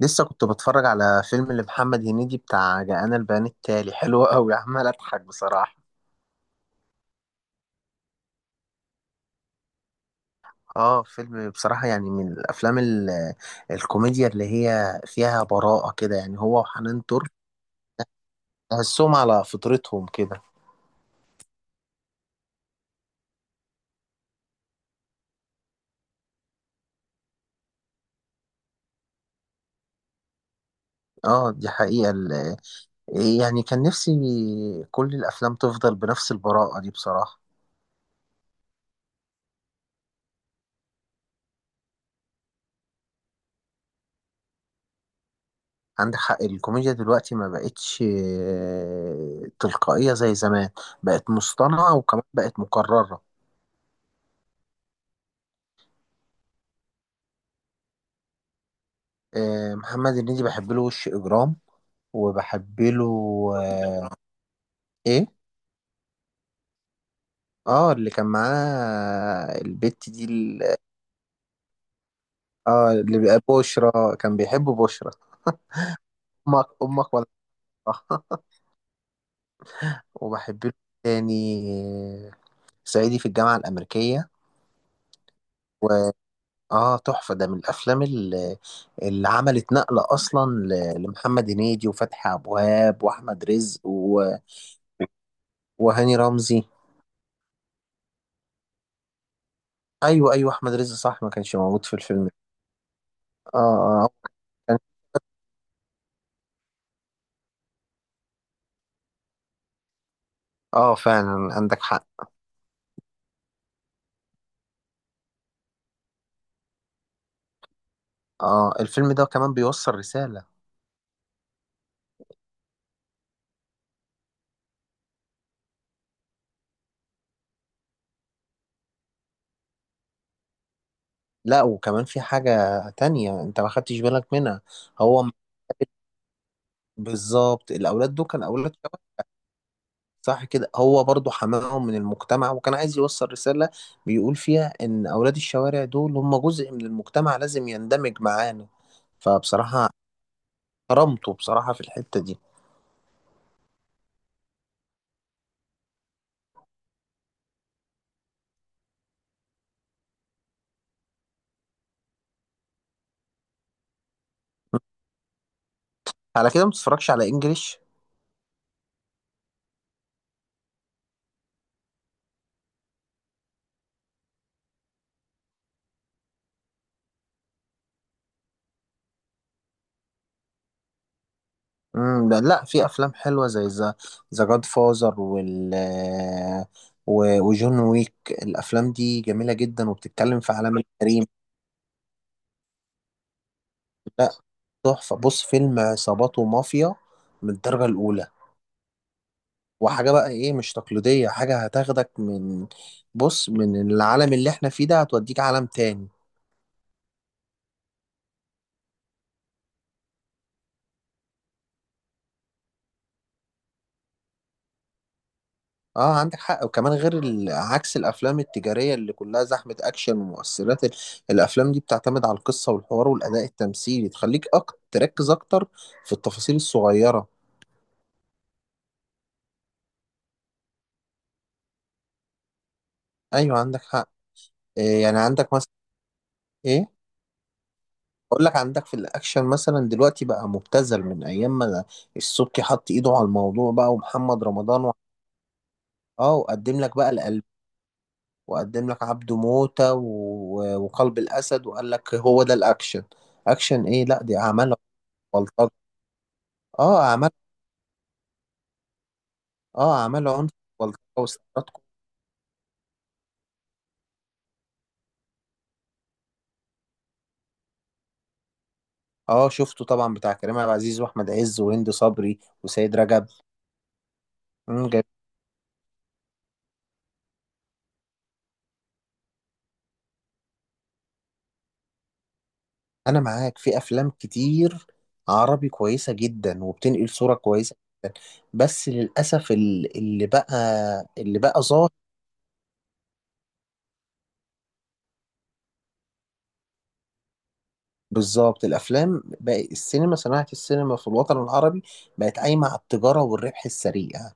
لسه كنت بتفرج على فيلم لمحمد هنيدي بتاع جاءنا البيان التالي حلو قوي، عمال اضحك بصراحة. اه، فيلم بصراحة يعني من الافلام الكوميديا اللي هي فيها براءة كده، يعني هو وحنان ترك. تحسهم على فطرتهم كده. اه، دي حقيقة يعني كان نفسي كل الافلام تفضل بنفس البراءة دي بصراحة. عندك حق، الكوميديا دلوقتي ما بقتش تلقائية زي زمان. بقت مصطنعة، وكمان بقت مكررة. آه، محمد هنيدي بحب له وش اجرام، وبحب له آه، ايه. اه، اللي كان معاه البت دي اه، اللي بقى بشرى كان بيحب بشرى. امك امك ولا؟ وبحب له تاني آه، صعيدي في الجامعة الأمريكية. تحفة، ده من الأفلام اللي عملت نقلة أصلا لمحمد هنيدي وفتحي أبو وهاب وأحمد رزق وهاني رمزي. أيوه، أيوه، أحمد رزق صح، ما كانش موجود في الفيلم. اه، اه، آه، فعلا عندك حق. اه، الفيلم ده كمان بيوصل رسالة. لا، وكمان في حاجة تانية انت ما خدتش بالك منها هو م- بالظبط، الاولاد دول كان اولاد شباب. صح كده، هو برضو حماهم من المجتمع وكان عايز يوصل رسالة. بيقول فيها ان اولاد الشوارع دول هم جزء من المجتمع لازم يندمج معانا. فبصراحة كرمته بصراحة في الحتة دي. على كده ما بتتفرجش على انجليش؟ ده لا، في افلام حلوه زي ذا ذا جاد فازر وجون ويك. الافلام دي جميله جدا، وبتتكلم في عالم الجريمه. لا، تحفه، بص فيلم عصابات ومافيا من الدرجه الاولى. وحاجه بقى ايه مش تقليديه، حاجه هتاخدك بص من العالم اللي احنا فيه ده، هتوديك عالم تاني. اه، عندك حق، وكمان غير عكس الافلام التجاريه اللي كلها زحمه اكشن ومؤثرات الافلام دي بتعتمد على القصه والحوار والاداء التمثيلي، تخليك تركز اكتر في التفاصيل الصغيره. ايوه، عندك حق. إيه يعني؟ عندك مثلا ايه. اقول لك، عندك في الاكشن مثلا دلوقتي بقى مبتذل من ايام ما السبكي حط ايده على الموضوع بقى، ومحمد رمضان و. اه، وقدم لك بقى القلب. وقدم لك عبده موتة و. وقلب الاسد، وقال لك هو ده الاكشن. اكشن ايه؟ لا، دي اعمال بلطجة. اه عمل اه، عمل عنف، بلطجة واستعراض كورة. اه، شفته طبعا، بتاع كريم عبد العزيز واحمد عز وهند صبري وسيد رجب. مم، جميل. انا معاك، في افلام كتير عربي كويسة جدا وبتنقل صورة كويسة. بس للاسف اللي بقى ظاهر. بالظبط، الافلام بقى صناعة السينما في الوطن العربي بقت قايمة على التجارة والربح السريع.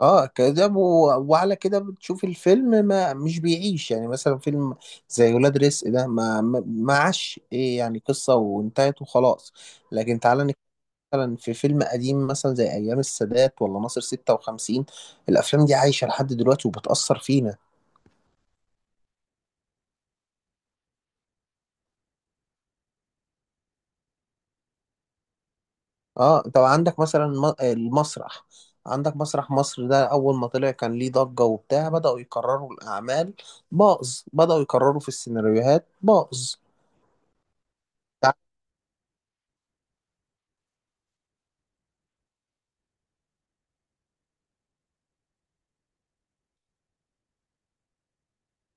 اه كده، وعلى كده بتشوف الفيلم ما مش بيعيش، يعني مثلا فيلم زي ولاد رزق ده ما عاش، ايه يعني، قصة وانتهت وخلاص. لكن تعالى نتكلم، مثلا في فيلم قديم مثلا زي ايام السادات ولا ناصر 56. الافلام دي عايشة لحد دلوقتي وبتأثر فينا. اه، طب عندك مثلا المسرح. عندك مسرح مصر ده، اول ما طلع كان ليه ضجة وبتاع، بدأوا يكرروا الاعمال. باظ، بدأوا يكرروا في السيناريوهات باظ.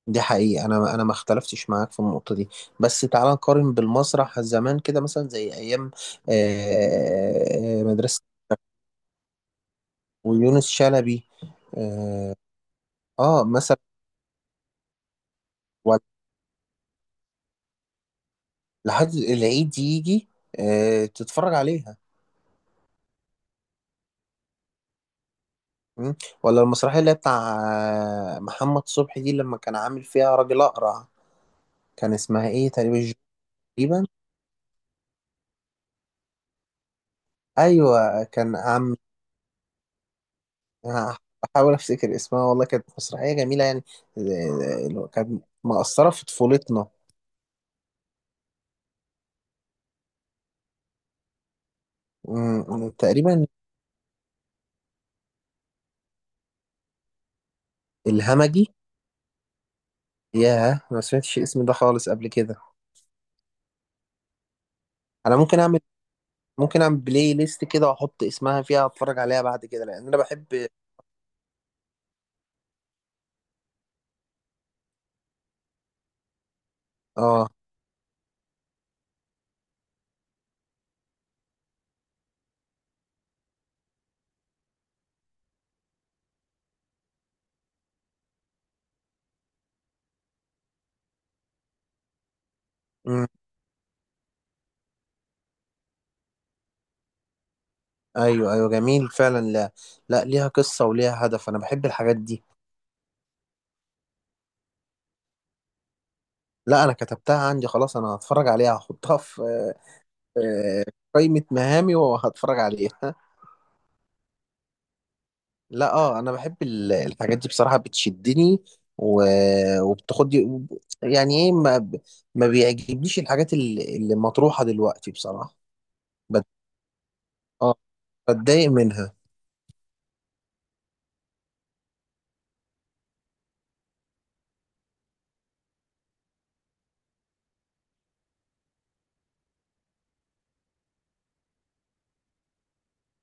دي حقيقة، أنا ما اختلفتش معاك في النقطة دي. بس تعال نقارن بالمسرح زمان كده، مثلا زي أيام مدرسة. ويونس شلبي آه, مثلا. ولا- لحد العيد يجي، تتفرج عليها. مم. ولا المسرحية اللي هي بتاع محمد صبحي دي، لما كان عامل فيها راجل أقرع. كان اسمها إيه؟ تقريبا تقريبا. أيوة، كان عم. أنا بحاول افتكر اسمها والله، كانت مسرحيه جميله يعني. آه، اللي هو كانت مأثره في طفولتنا. مم، تقريبا. الهمجي. ياه، ما سمعتش الاسم ده خالص قبل كده. انا ممكن اعمل بلاي ليست كده، واحط اسمها فيها، اتفرج عليها بعد كده، لان انا بحب. اه. مم. ايوه، ايوه، جميل فعلا. لا، لا، ليها قصه وليها هدف، انا بحب الحاجات دي. لا، انا كتبتها عندي خلاص، انا هتفرج عليها، هحطها في آه، قائمه مهامي وهتفرج عليها. لا، اه، انا بحب الحاجات دي بصراحه، بتشدني و... وبتاخدني يعني ايه ما بيعجبنيش الحاجات اللي مطروحه دلوقتي بصراحه. بت... اه بتضايق منها.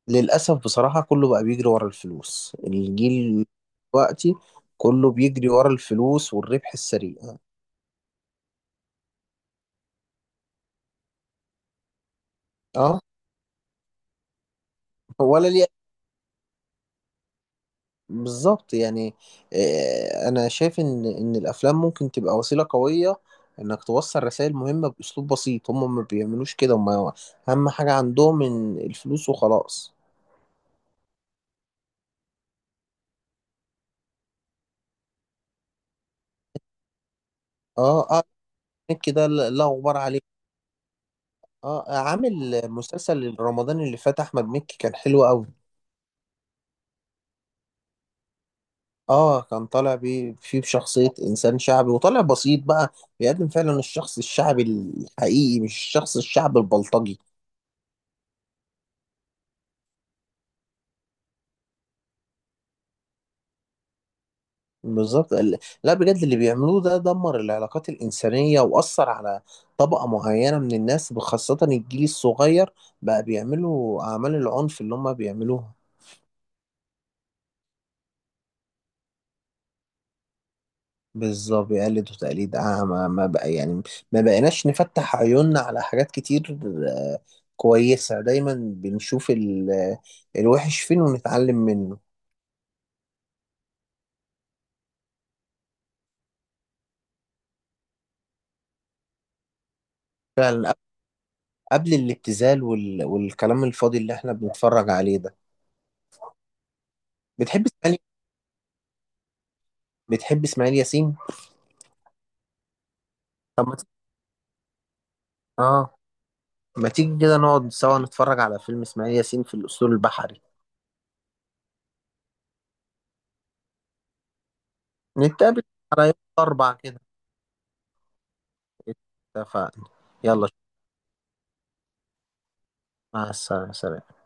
للاسف بصراحه، كله بقى بيجري ورا الفلوس. الجيل دلوقتي كله بيجري ورا الفلوس والربح السريع. اه، ولا ليه، بالظبط يعني. انا شايف ان الافلام ممكن تبقى وسيله قويه، انك توصل رسائل مهمه باسلوب بسيط. هم ما بيعملوش كده، هم اهم حاجه عندهم ان الفلوس وخلاص. اه، اه، مكي ده، لا، لا غبار عليه. اه، عامل مسلسل رمضان اللي فات، احمد مكي كان حلو قوي. اه، كان طالع بيه فيه بشخصيه انسان شعبي وطالع بسيط بقى. بيقدم فعلا الشخص الشعبي الحقيقي، مش الشخص الشعبي البلطجي. بالظبط، لا، بجد اللي بيعملوه ده دمر العلاقات الإنسانية، وأثر على طبقة معينة من الناس خاصة الجيل الصغير. بقى بيعملوا أعمال العنف اللي هم بيعملوها. بالظبط بيقلدوا تقليد أعمى، ما بقى يعني، ما بقيناش نفتح عيوننا على حاجات كتير. آه، كويسة، دايما بنشوف الوحش فين ونتعلم منه. فعلا، قبل الابتذال والكلام الفاضي اللي احنا بنتفرج عليه ده. بتحب اسماعيل بتحب اسماعيل ياسين؟ طب ما ت- اه ما تيجي كده نقعد سوا نتفرج على فيلم اسماعيل ياسين في الأسطول البحري. نتقابل على يوم 4 كده. اتفقنا. يلا، مع السلامة، سلام.